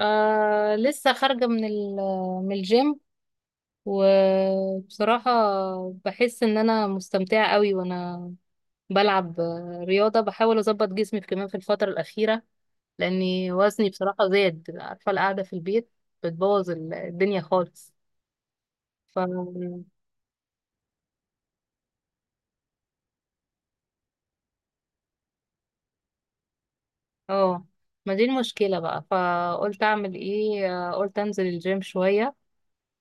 لسه خارجة من الجيم. وبصراحة بحس ان انا مستمتعة قوي، وانا بلعب رياضة، بحاول اظبط جسمي كمان في الفترة الأخيرة، لاني وزني بصراحة زاد. عارفة، القعدة في البيت بتبوظ الدنيا خالص. ف اه ما دي المشكلة بقى، فقلت اعمل ايه؟ قلت انزل الجيم شوية.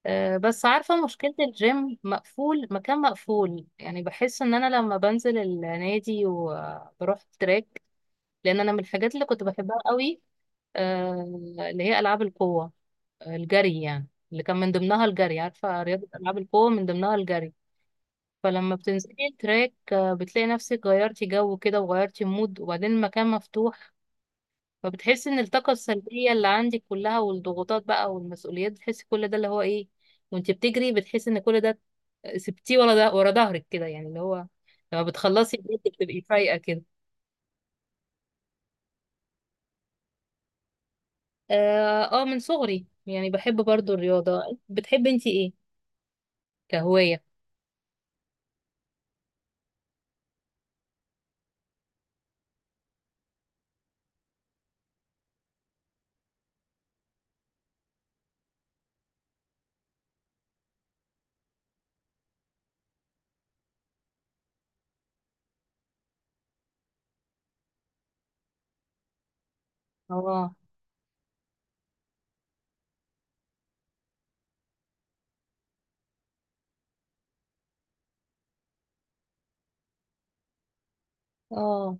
بس عارفة مشكلة الجيم، مقفول، مكان مقفول يعني. بحس ان انا لما بنزل النادي وبروح تراك، لان انا من الحاجات اللي كنت بحبها قوي، آه، اللي هي العاب القوة. الجري يعني، اللي كان من ضمنها الجري. عارفة، رياضة العاب القوة من ضمنها الجري. فلما بتنزلي التراك بتلاقي نفسك غيرتي جو كده، وغيرتي مود، وبعدين المكان مفتوح. فبتحس ان الطاقة السلبية اللي عندك كلها، والضغوطات بقى والمسؤوليات، بتحس كل ده اللي هو ايه. وانت بتجري بتحس ان كل ده سبتيه ورا، ده ورا ظهرك كده يعني اللي هو. لما بتخلصي بجد بتبقي فايقة كده. اه. من صغري يعني بحب برضو الرياضة. بتحبي انت ايه كهواية؟ اه، اه.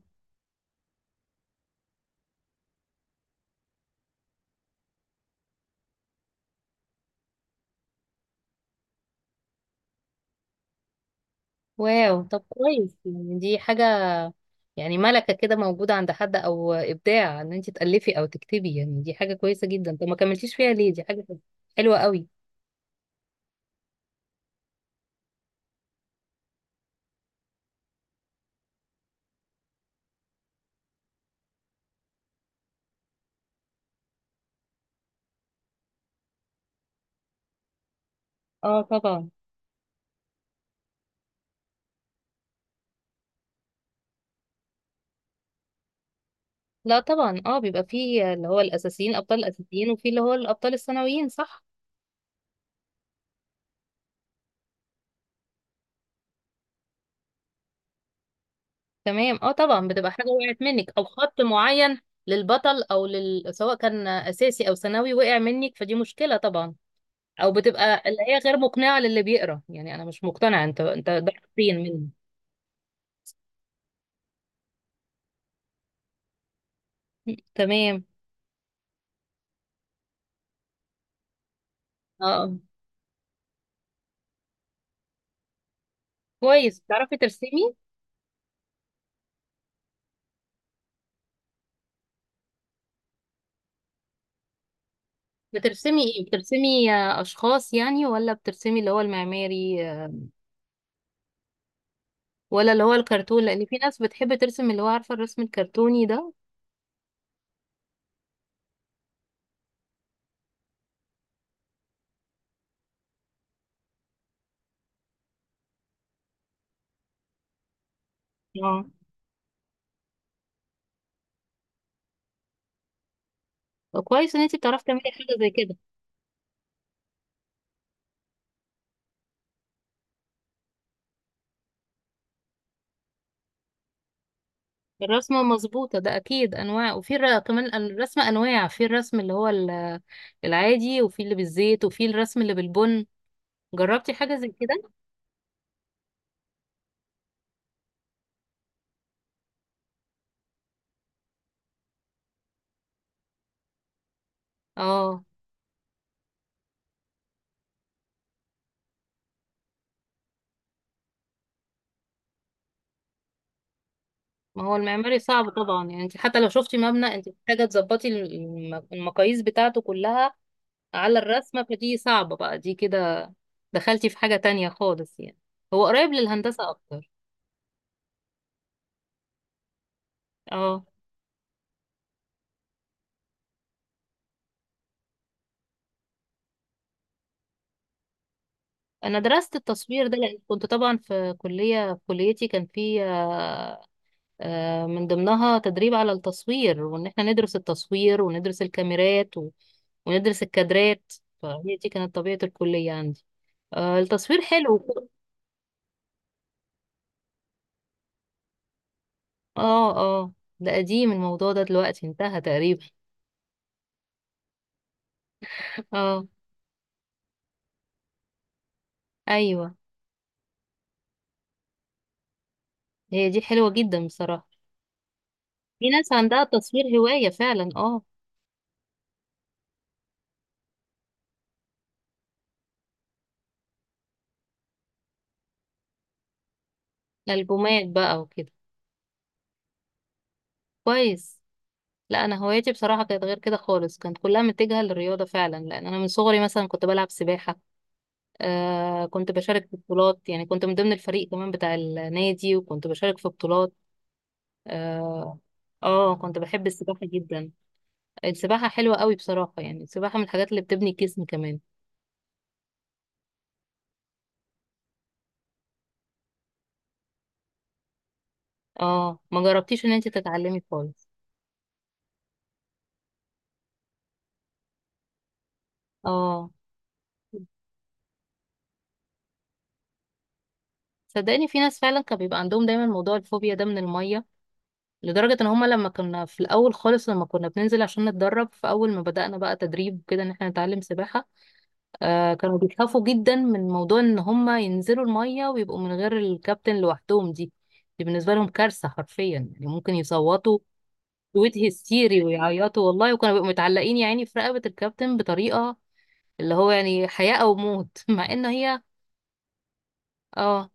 واو، طب كويس، يعني دي حاجة. يعني ملكة كده موجودة عند حد، او ابداع ان انت تألفي او تكتبي. يعني دي حاجة كويسة جدا. طب ما كملتيش فيها ليه؟ دي حاجة حلوة قوي. اه طبعا. لا طبعا، اه، بيبقى فيه اللي هو الاساسيين، الابطال الاساسيين، وفي اللي هو الابطال الثانويين، صح. تمام، اه طبعا. بتبقى حاجه وقعت منك، او خط معين للبطل سواء كان اساسي او ثانوي، وقع منك، فدي مشكله طبعا. او بتبقى اللي هي غير مقنعه للي بيقرا. يعني انا مش مقتنعه، انت، انت ده فين مني؟ تمام. اه، كويس. بتعرفي ترسمي؟ بترسمي ايه؟ بترسمي اشخاص يعني، ولا بترسمي اللي هو المعماري، ولا اللي هو الكرتون؟ لان في ناس بتحب ترسم اللي هو، عارفه، الرسم الكرتوني ده. اه، كويس ان انت بتعرفي تعملي حاجه زي كده. الرسمه مظبوطه، ده اكيد انواع. وفي كمان الرسم انواع. في الرسم اللي هو العادي، وفي اللي بالزيت، وفي الرسم اللي بالبن. جربتي حاجه زي كده؟ اه، ما هو المعماري صعب طبعا. يعني انت حتى لو شفتي مبنى، انت محتاجه تظبطي المقاييس بتاعته كلها على الرسمه. فدي صعبه بقى دي كده. دخلتي في حاجه تانية خالص يعني. هو قريب للهندسه اكتر. اه، انا درست التصوير ده، لان كنت طبعا في كليه، في كليتي كان في من ضمنها تدريب على التصوير، وان احنا ندرس التصوير وندرس الكاميرات وندرس الكادرات. فهي دي كانت طبيعه الكليه عندي. التصوير حلو. اه، اه. ده قديم، الموضوع ده دلوقتي انتهى تقريبا. اه، ايوه. هي دي حلوه جدا بصراحه. في ناس عندها التصوير هوايه فعلا، اه. البومات بقى وكده، كويس. لا، انا هوايتي بصراحه كانت غير كده خالص، كانت كلها متجهه للرياضه فعلا. لان انا من صغري مثلا كنت بلعب سباحه. آه، كنت بشارك في بطولات، يعني كنت من ضمن الفريق كمان بتاع النادي، وكنت بشارك في بطولات. اه. كنت بحب السباحه جدا. السباحه حلوه قوي بصراحه. يعني السباحه من الحاجات اللي بتبني الجسم كمان. اه، ما جربتيش ان انت تتعلمي خالص؟ اه، صدقني في ناس فعلا كان بيبقى عندهم دايما موضوع الفوبيا ده من الميه. لدرجة ان هما، لما كنا في الاول خالص، لما كنا بننزل عشان نتدرب في اول ما بدأنا بقى تدريب كده ان احنا نتعلم سباحة، كانوا بيخافوا جدا من موضوع ان هما ينزلوا المية ويبقوا من غير الكابتن لوحدهم. دي بالنسبة لهم كارثة حرفيا. يعني ممكن يصوتوا صوت هستيري ويعيطوا والله. وكانوا بيبقوا متعلقين يعني في رقبة الكابتن، بطريقة اللي هو يعني حياة او موت مع ان هي. اه،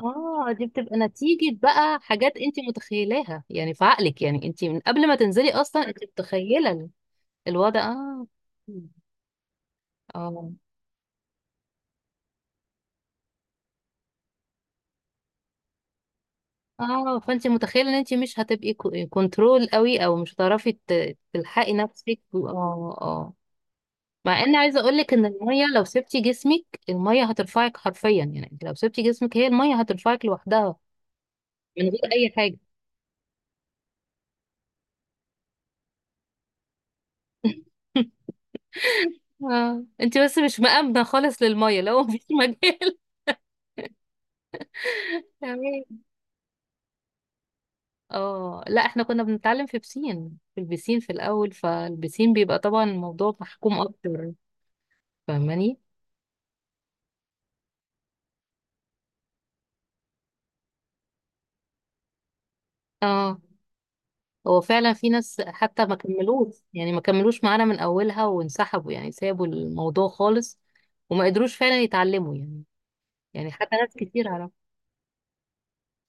اه. دي بتبقى نتيجة بقى حاجات انت متخيلاها يعني في عقلك. يعني انت من قبل ما تنزلي اصلا، انت متخيلة الوضع. اه. اه، اه. فانت متخيلة ان انت مش هتبقي كنترول قوي، او مش هتعرفي تلحقي نفسك، اه، اه. مع ان عايزة اقولك ان المية لو سبتي جسمك، المية هترفعك حرفيا. يعني انت لو سبتي جسمك هي المية هترفعك لوحدها من غير اي حاجة. اه، انت بس مش مأمنة خالص للمية، لو مفيش مجال. تمام. اه، لا، احنا كنا بنتعلم في بسين. في البسين في الاول، فالبسين بيبقى طبعا الموضوع محكوم اكتر. فاهماني؟ اه، هو فعلا في ناس حتى ما كملوش. يعني ما كملوش معانا من اولها وانسحبوا، يعني سابوا الموضوع خالص. وما قدروش فعلا يتعلموا يعني. يعني حتى ناس كتير عرف.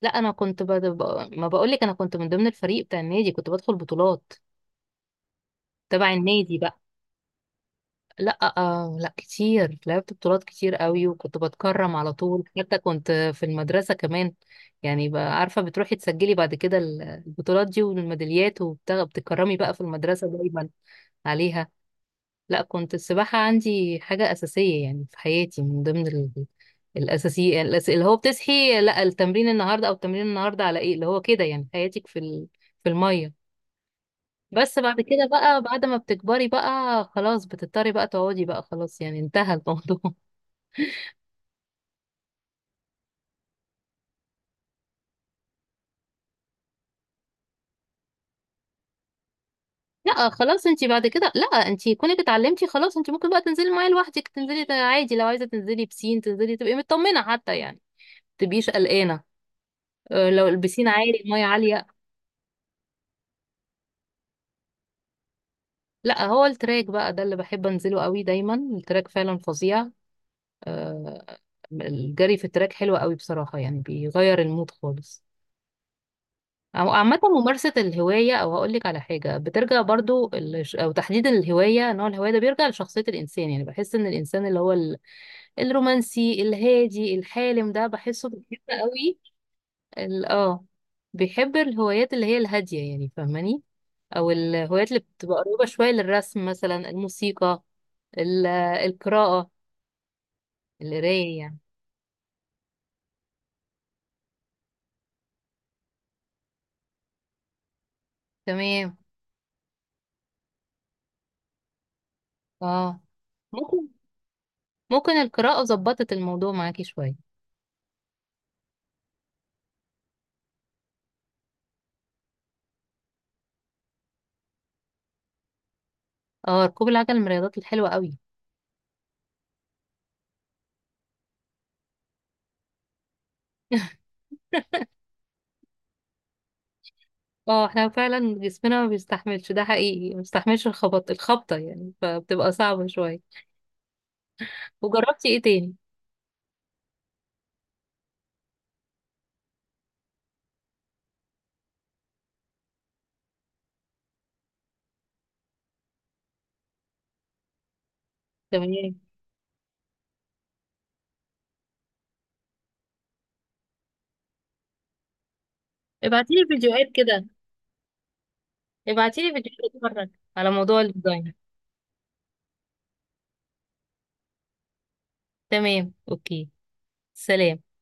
لا، انا كنت ما بقولك، انا كنت من ضمن الفريق بتاع النادي، كنت بدخل بطولات تبع النادي بقى. لا، لا، كتير، لعبت بطولات كتير قوي، وكنت بتكرم على طول. حتى كنت في المدرسة كمان. يعني بقى، عارفة، بتروحي تسجلي بعد كده البطولات دي والميداليات، وبتكرمي بقى في المدرسة دايما عليها. لا، كنت السباحة عندي حاجة أساسية يعني في حياتي، من ضمن الأساسية. اللي هو بتصحي، لا التمرين النهاردة، أو التمرين النهاردة على إيه، اللي هو كده يعني حياتك في في المية. بس بعد كده بقى، بعد ما بتكبري بقى خلاص بتضطري بقى تقعدي بقى خلاص، يعني انتهى الموضوع لا خلاص. انتي بعد كده، لا، انتي كونك اتعلمتي خلاص، انتي ممكن بقى تنزلي الميه لوحدك، تنزلي عادي. لو عايزه تنزلي بسين تنزلي، تبقي مطمنه حتى، يعني تبقيش قلقانه. اه، لو البسين عالي، الميه عاليه. لا، هو التراك بقى ده اللي بحب انزله قوي دايما. التراك فعلا فظيع. اه، الجري في التراك حلو قوي بصراحه، يعني بيغير المود خالص. أو عامة ممارسة الهواية، أو هقولك على حاجة بترجع برضو أو تحديد الهواية، نوع الهواية ده بيرجع لشخصية الإنسان. يعني بحس إن الإنسان اللي هو الرومانسي الهادي الحالم ده، بحسه بيحب قوي ال- اه بيحب الهوايات اللي هي الهادية، يعني فاهماني؟ أو الهوايات اللي بتبقى قريبة شوية للرسم، مثلا الموسيقى، ال- القراءة، القراية يعني. تمام، اه، ممكن. ممكن القراءة ظبطت الموضوع معاكي شوية. اه، ركوب العجل من الرياضات الحلوة قوي. اه، احنا فعلا جسمنا ما بيستحملش، ده حقيقي، ما بيستحملش الخبط، الخبطة يعني، فبتبقى صعبة شوية. وجربتي ايه تاني؟ تمام. ابعتيلي فيديوهات كده. ابعتيلي فيديوهات اتفرج، على موضوع الديزاين. تمام، اوكي. سلام.